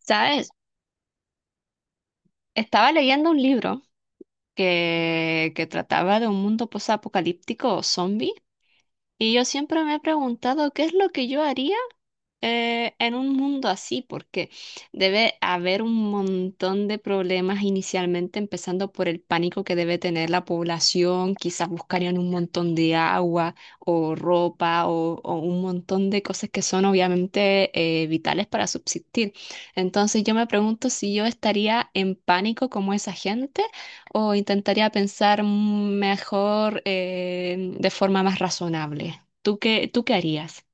¿Sabes? Estaba leyendo un libro que trataba de un mundo posapocalíptico zombie. Y yo siempre me he preguntado qué es lo que yo haría en un mundo así, porque debe haber un montón de problemas inicialmente, empezando por el pánico que debe tener la población, quizás buscarían un montón de agua o ropa o un montón de cosas que son obviamente vitales para subsistir. Entonces yo me pregunto si yo estaría en pánico como esa gente o intentaría pensar mejor de forma más razonable. ¿Tú qué harías?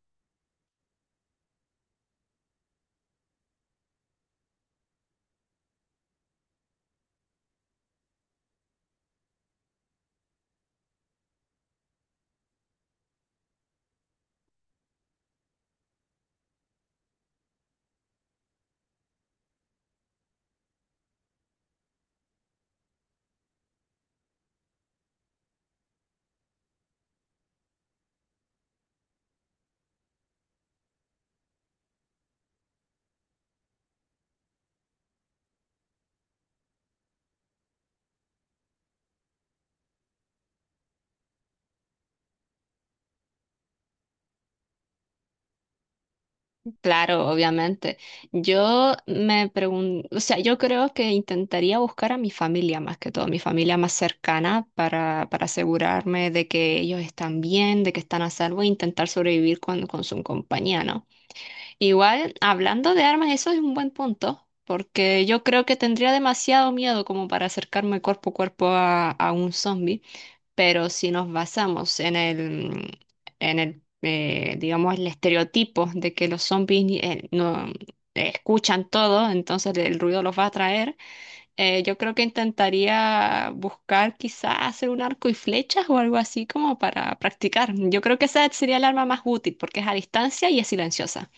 Claro, obviamente. Yo me pregunto, o sea, yo creo que intentaría buscar a mi familia más que todo, mi familia más cercana para asegurarme de que ellos están bien, de que están a salvo e intentar sobrevivir con su compañía, ¿no? Igual, hablando de armas, eso es un buen punto, porque yo creo que tendría demasiado miedo como para acercarme cuerpo a cuerpo a un zombie. Pero si nos basamos en el, digamos, el estereotipo de que los zombies no escuchan todo, entonces el ruido los va a atraer. Yo creo que intentaría buscar quizás hacer un arco y flechas o algo así como para practicar. Yo creo que esa sería el arma más útil porque es a distancia y es silenciosa.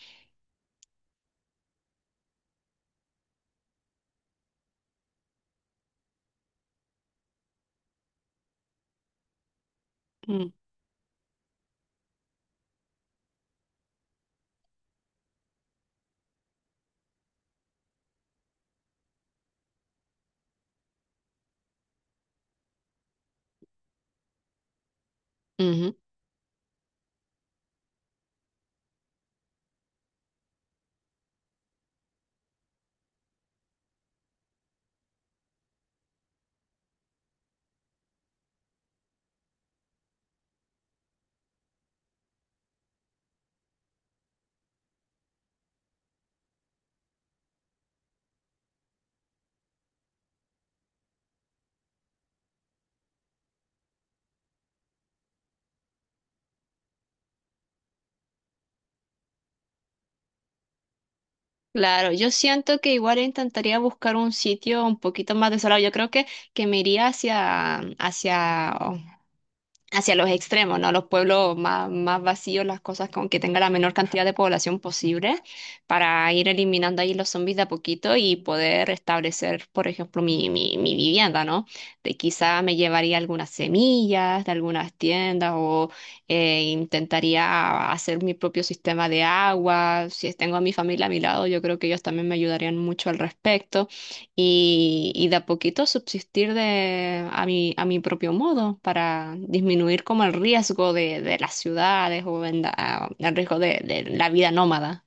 Mm, ujú. Claro, yo siento que igual intentaría buscar un sitio un poquito más desolado. Yo creo que me iría hacia los extremos, ¿no? Los pueblos más, más vacíos, las cosas con que tenga la menor cantidad de población posible, para ir eliminando ahí los zombies de a poquito y poder establecer, por ejemplo, mi vivienda, ¿no? De quizá me llevaría algunas semillas de algunas tiendas o intentaría hacer mi propio sistema de agua. Si tengo a mi familia a mi lado, yo creo que ellos también me ayudarían mucho al respecto y de a poquito subsistir de, a mi propio modo para disminuir como el riesgo de las ciudades o en la- el riesgo de la vida nómada.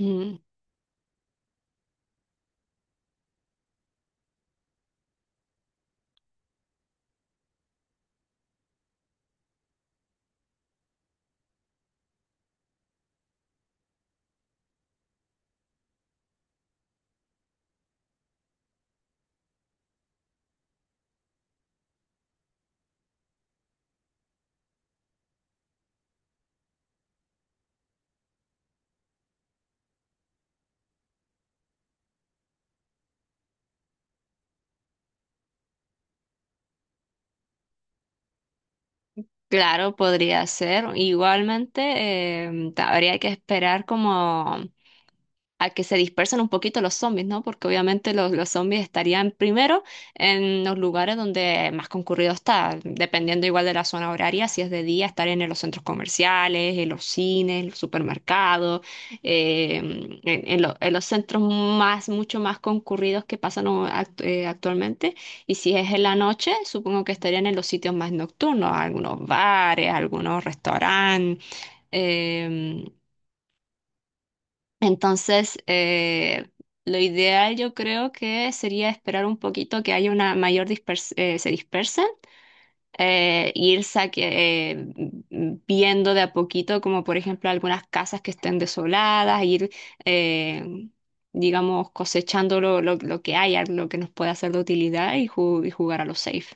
Mm. Claro, podría ser. Igualmente, habría que esperar como a que se dispersen un poquito los zombies, ¿no? Porque obviamente los zombies estarían primero en los lugares donde más concurrido está, dependiendo igual de la zona horaria, si es de día, estarían en los centros comerciales, en los cines, los supermercados, en los centros más, mucho más concurridos que pasan actualmente. Y si es en la noche, supongo que estarían en los sitios más nocturnos, algunos bares, algunos restaurantes. eh, entonces, lo ideal yo creo que sería esperar un poquito que haya una mayor se dispersen. eh, ir saque- eh, viendo de a poquito, como por ejemplo algunas casas que estén desoladas, ir, eh, digamos, cosechando lo que haya, lo que nos pueda ser de utilidad y, y jugar a lo safe.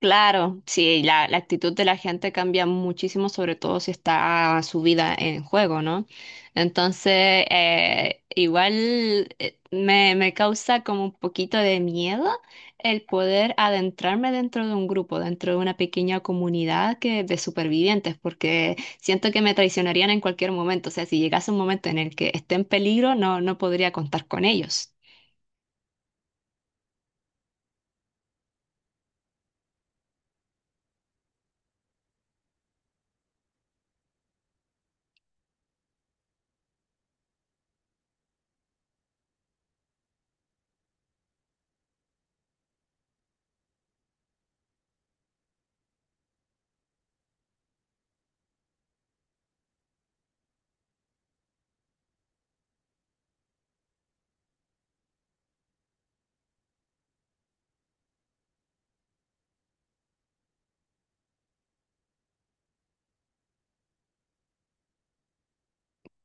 Claro, sí, la actitud de la gente cambia muchísimo, sobre todo si está su vida en juego, ¿no? Entonces, igual me causa como un poquito de miedo el poder adentrarme dentro de un grupo, dentro de una pequeña comunidad que, de supervivientes, porque siento que me traicionarían en cualquier momento. O sea, si llegase un momento en el que esté en peligro, no podría contar con ellos.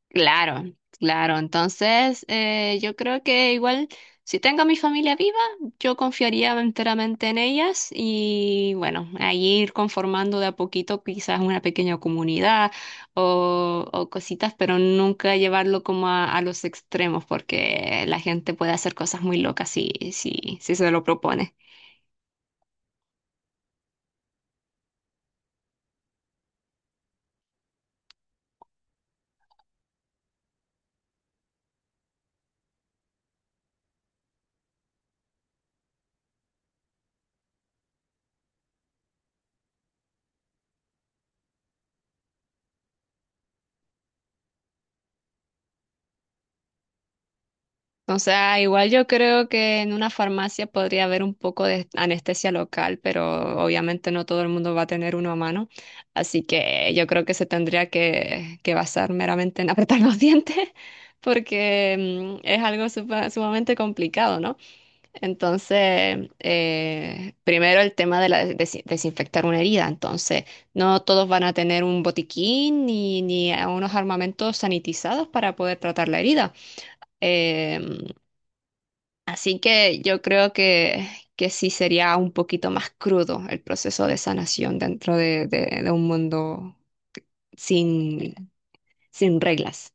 Claro, claro. Entonces, yo creo que igual, si tengo a mi familia viva, yo confiaría enteramente en ellas y bueno, ahí ir conformando de a poquito quizás una pequeña comunidad o cositas, pero nunca llevarlo como a los extremos porque la gente puede hacer cosas muy locas si se lo propone. O sea, igual yo creo que en una farmacia podría haber un poco de anestesia local, pero obviamente no todo el mundo va a tener uno a mano. Así que yo creo que se tendría que basar meramente en apretar los dientes, porque mm, es algo sumamente complicado, ¿no? Entonces, primero el tema de la desinfectar una herida. Entonces, no todos van a tener un botiquín ni a unos armamentos sanitizados para poder tratar la herida. Em, Así que yo creo que sí sería un poquito más crudo el proceso de sanación dentro de, de un mundo sin, sin reglas.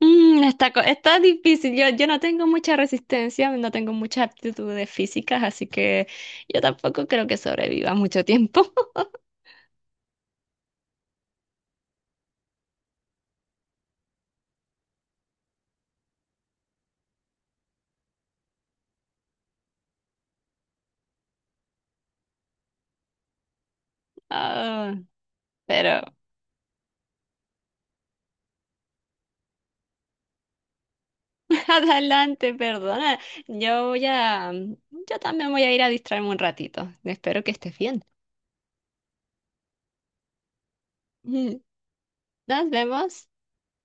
Mm, está, está difícil. Yo no tengo mucha resistencia, no tengo muchas aptitudes físicas, así que yo tampoco creo que sobreviva mucho tiempo. Ah, pero adelante, perdona. Yo también voy a ir a distraerme un ratito. Espero que estés bien. Nos vemos.